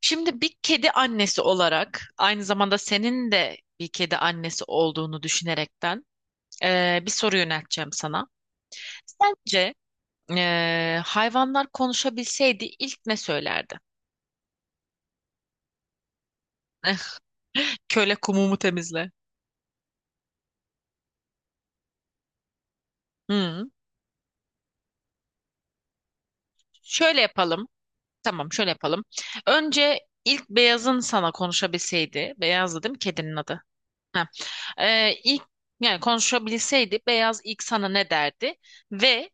Şimdi bir kedi annesi olarak aynı zamanda senin de bir kedi annesi olduğunu düşünerekten bir soru yönelteceğim sana. Sence hayvanlar konuşabilseydi ilk ne söylerdi? Eh, Köle kumumu temizle. Hmm. Şöyle yapalım. Tamam, şöyle yapalım. Önce ilk beyazın sana konuşabilseydi, beyazdı değil kedinin adı? Ha. İlk yani konuşabilseydi beyaz ilk sana ne derdi? Ve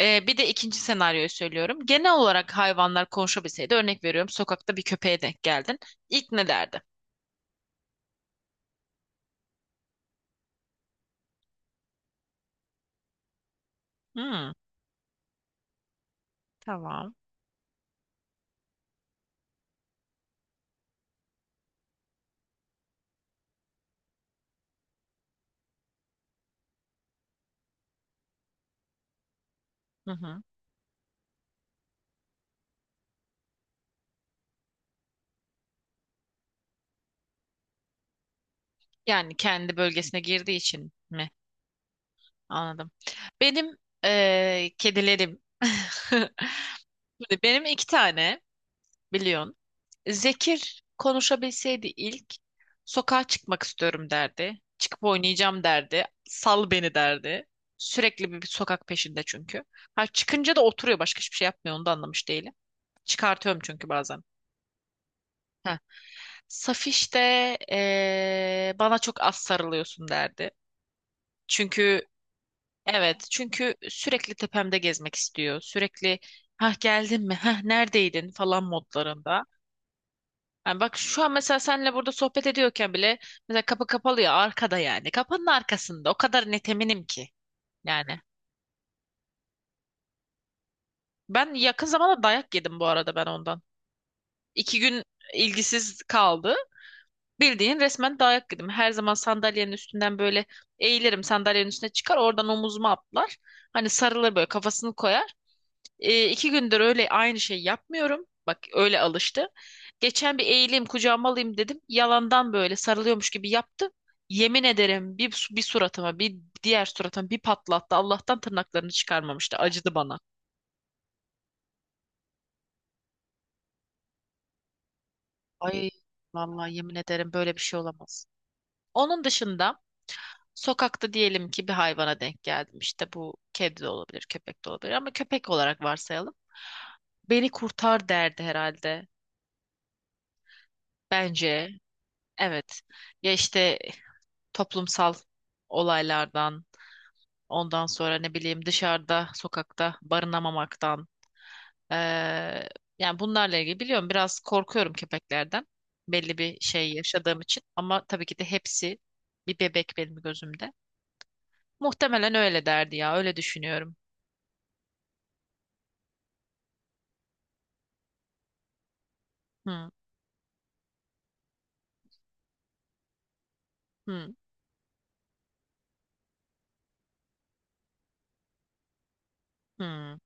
Bir de ikinci senaryoyu söylüyorum. Genel olarak hayvanlar konuşabilseydi, örnek veriyorum, sokakta bir köpeğe denk geldin. İlk ne derdi? Hmm, tamam. Hı hı. Yani kendi bölgesine girdiği için mi? Anladım. Benim kedilerim. Şimdi benim iki tane biliyorsun. Zekir konuşabilseydi ilk sokağa çıkmak istiyorum derdi. Çıkıp oynayacağım derdi. Sal beni derdi. Sürekli bir sokak peşinde çünkü. Ha, çıkınca da oturuyor başka hiçbir şey yapmıyor onu da anlamış değilim. Çıkartıyorum çünkü bazen. Ha, Safiş de bana çok az sarılıyorsun derdi. Çünkü evet çünkü sürekli tepemde gezmek istiyor. Sürekli ha geldin mi ha neredeydin falan modlarında. Yani bak şu an mesela seninle burada sohbet ediyorken bile mesela kapı kapalı ya arkada yani. Kapının arkasında. O kadar net eminim ki. Yani ben yakın zamanda dayak yedim bu arada ben ondan. İki gün ilgisiz kaldı. Bildiğin resmen dayak yedim. Her zaman sandalyenin üstünden böyle eğilirim. Sandalyenin üstüne çıkar. Oradan omuzuma atlar. Hani sarılır böyle kafasını koyar. E, iki gündür öyle aynı şey yapmıyorum. Bak öyle alıştı. Geçen bir eğileyim kucağıma alayım dedim. Yalandan böyle sarılıyormuş gibi yaptı. Yemin ederim bir, bir suratıma bir diğer suratıma bir patlattı. Allah'tan tırnaklarını çıkarmamıştı. Acıdı bana. Ay vallahi yemin ederim böyle bir şey olamaz. Onun dışında sokakta diyelim ki bir hayvana denk geldim. İşte bu kedi de olabilir, köpek de olabilir ama köpek olarak varsayalım. Beni kurtar derdi herhalde. Bence evet. Ya işte toplumsal olaylardan, ondan sonra ne bileyim dışarıda, sokakta barınamamaktan. eee, Yani bunlarla ilgili biliyorum biraz korkuyorum köpeklerden. Belli bir şey yaşadığım için ama tabii ki de hepsi bir bebek benim gözümde. Muhtemelen öyle derdi ya, öyle düşünüyorum. Hı hı hı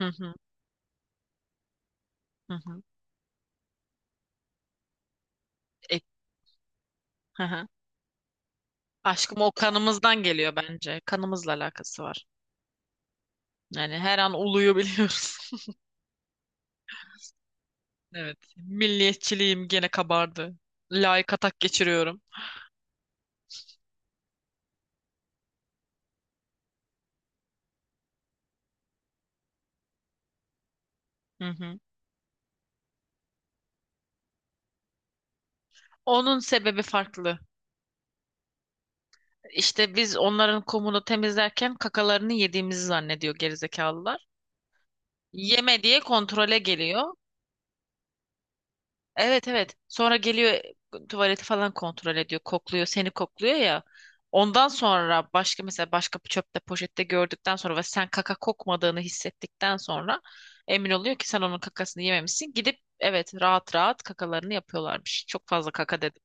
hı hı hı. Hı. E, hı hı. Aşkım o kanımızdan geliyor bence. Kanımızla alakası var. Yani her an uluyu biliyoruz. Evet. Milliyetçiliğim gene kabardı. Layık atak geçiriyorum. Hı hı. Onun sebebi farklı. İşte biz onların kumunu temizlerken kakalarını yediğimizi zannediyor gerizekalılar. Yeme diye kontrole geliyor. Evet evet. Sonra geliyor e, tuvaleti falan kontrol ediyor. Kokluyor, seni kokluyor ya. Ondan sonra başka mesela başka bir çöpte poşette gördükten sonra ve sen kaka kokmadığını hissettikten sonra emin oluyor ki sen onun kakasını yememişsin. Gidip evet rahat rahat kakalarını yapıyorlarmış. Çok fazla kaka dedim.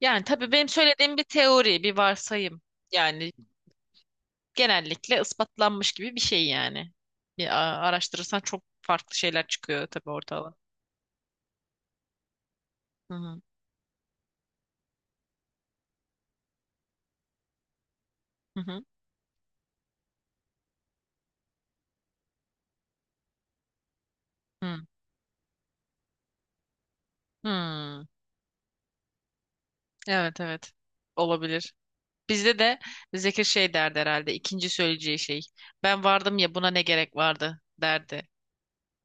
Yani tabii benim söylediğim bir teori, bir varsayım. Yani genellikle ispatlanmış gibi bir şey yani. Bir araştırırsan çok farklı şeyler çıkıyor tabii ortala. Hı hı. Hı hı. Hı. Hı. Hmm. Evet evet. Olabilir. Bizde de Zekir şey derdi herhalde. İkinci söyleyeceği şey. Ben vardım ya buna ne gerek vardı derdi.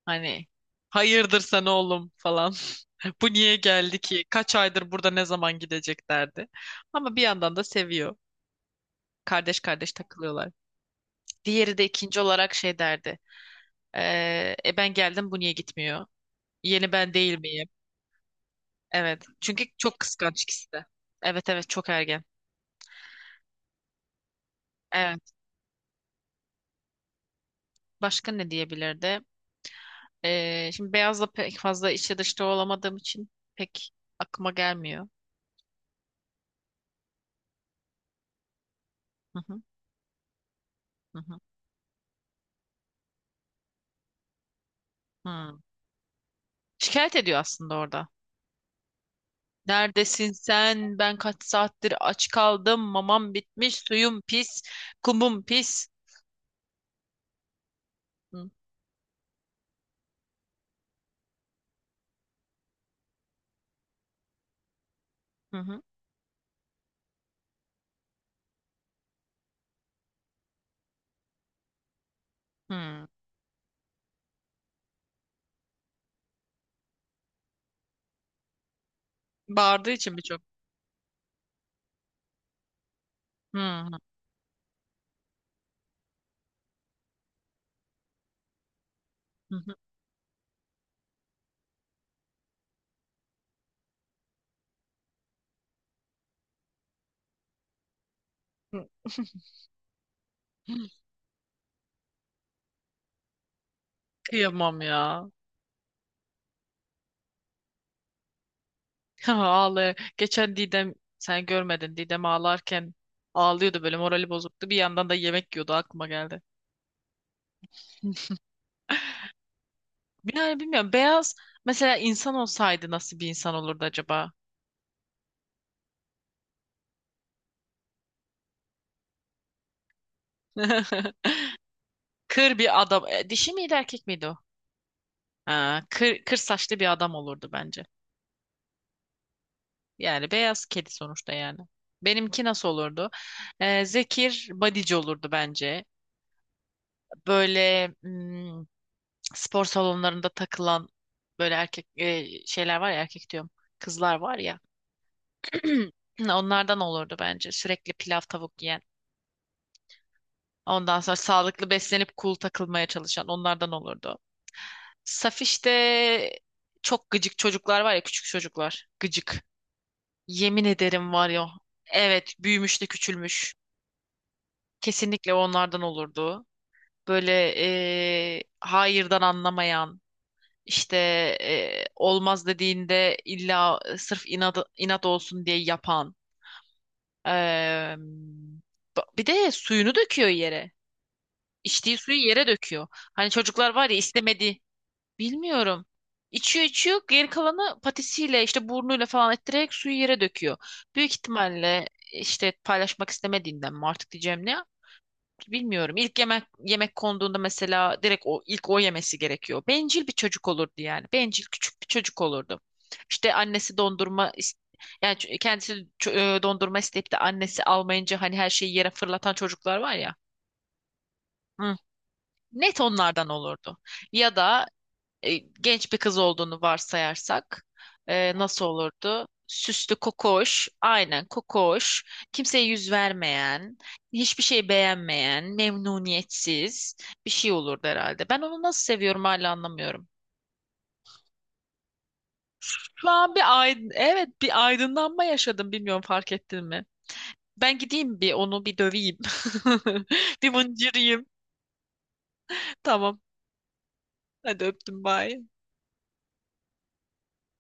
Hani hayırdır sen oğlum falan. Bu niye geldi ki? Kaç aydır burada ne zaman gidecek derdi. Ama bir yandan da seviyor. Kardeş kardeş takılıyorlar. Diğeri de ikinci olarak şey derdi. Ben geldim bu niye gitmiyor? Yeni ben değil miyim? Evet. Çünkü çok kıskanç ikisi de. Evet evet çok ergen. Evet. Başka ne diyebilirdi? Şimdi beyazla pek fazla içi dışta olamadığım için pek aklıma gelmiyor. Hı hı, hı hı, hı. Şikayet ediyor aslında orada. Neredesin sen? Ben kaç saattir aç kaldım. Mamam bitmiş. Suyum pis. Kumum pis. Hı hı, hı, hı. Bağırdığı için birçok. Hı hı, hı hı, hı. Kıyamam ya. Ağlaya. Geçen Didem sen görmedin. Didem ağlarken ağlıyordu böyle morali bozuktu. Bir yandan da yemek yiyordu aklıma geldi. Yani bilmiyorum. Beyaz mesela insan olsaydı nasıl bir insan olurdu acaba? Kır bir adam. E, dişi miydi erkek miydi o? Ha, kır saçlı bir adam olurdu bence. Yani beyaz kedi sonuçta yani. Benimki nasıl olurdu? Zekir bodyci olurdu bence. Böyle hmm, spor salonlarında takılan böyle erkek şeyler var ya erkek diyorum. Kızlar var ya. Onlardan olurdu bence. Sürekli pilav tavuk yiyen. Ondan sonra sağlıklı beslenip cool takılmaya çalışan onlardan olurdu. Safiş'te çok gıcık çocuklar var ya küçük çocuklar. Gıcık. Yemin ederim var ya. Evet büyümüş de küçülmüş. Kesinlikle onlardan olurdu. Böyle hayırdan anlamayan işte olmaz dediğinde illa sırf inat olsun diye yapan. Eee, Bir de suyunu döküyor yere. İçtiği suyu yere döküyor. Hani çocuklar var ya istemedi. Bilmiyorum. İçiyor içiyor geri kalanı patisiyle işte burnuyla falan ettirerek suyu yere döküyor. Büyük ihtimalle işte paylaşmak istemediğinden mi artık diyeceğim ne bilmiyorum. İlk yemek konduğunda mesela direkt o ilk o yemesi gerekiyor. Bencil bir çocuk olurdu yani. Bencil küçük bir çocuk olurdu. İşte annesi yani kendisi dondurma isteyip de annesi almayınca hani her şeyi yere fırlatan çocuklar var ya. Hı. Net onlardan olurdu. Ya da genç bir kız olduğunu varsayarsak nasıl olurdu? Süslü, kokoş, aynen kokoş, kimseye yüz vermeyen, hiçbir şey beğenmeyen, memnuniyetsiz bir şey olurdu herhalde. Ben onu nasıl seviyorum hala anlamıyorum. Şu an evet bir aydınlanma yaşadım bilmiyorum fark ettin mi? Ben gideyim onu bir döveyim. Bir mıncırayım. Tamam. Hadi öptüm bye.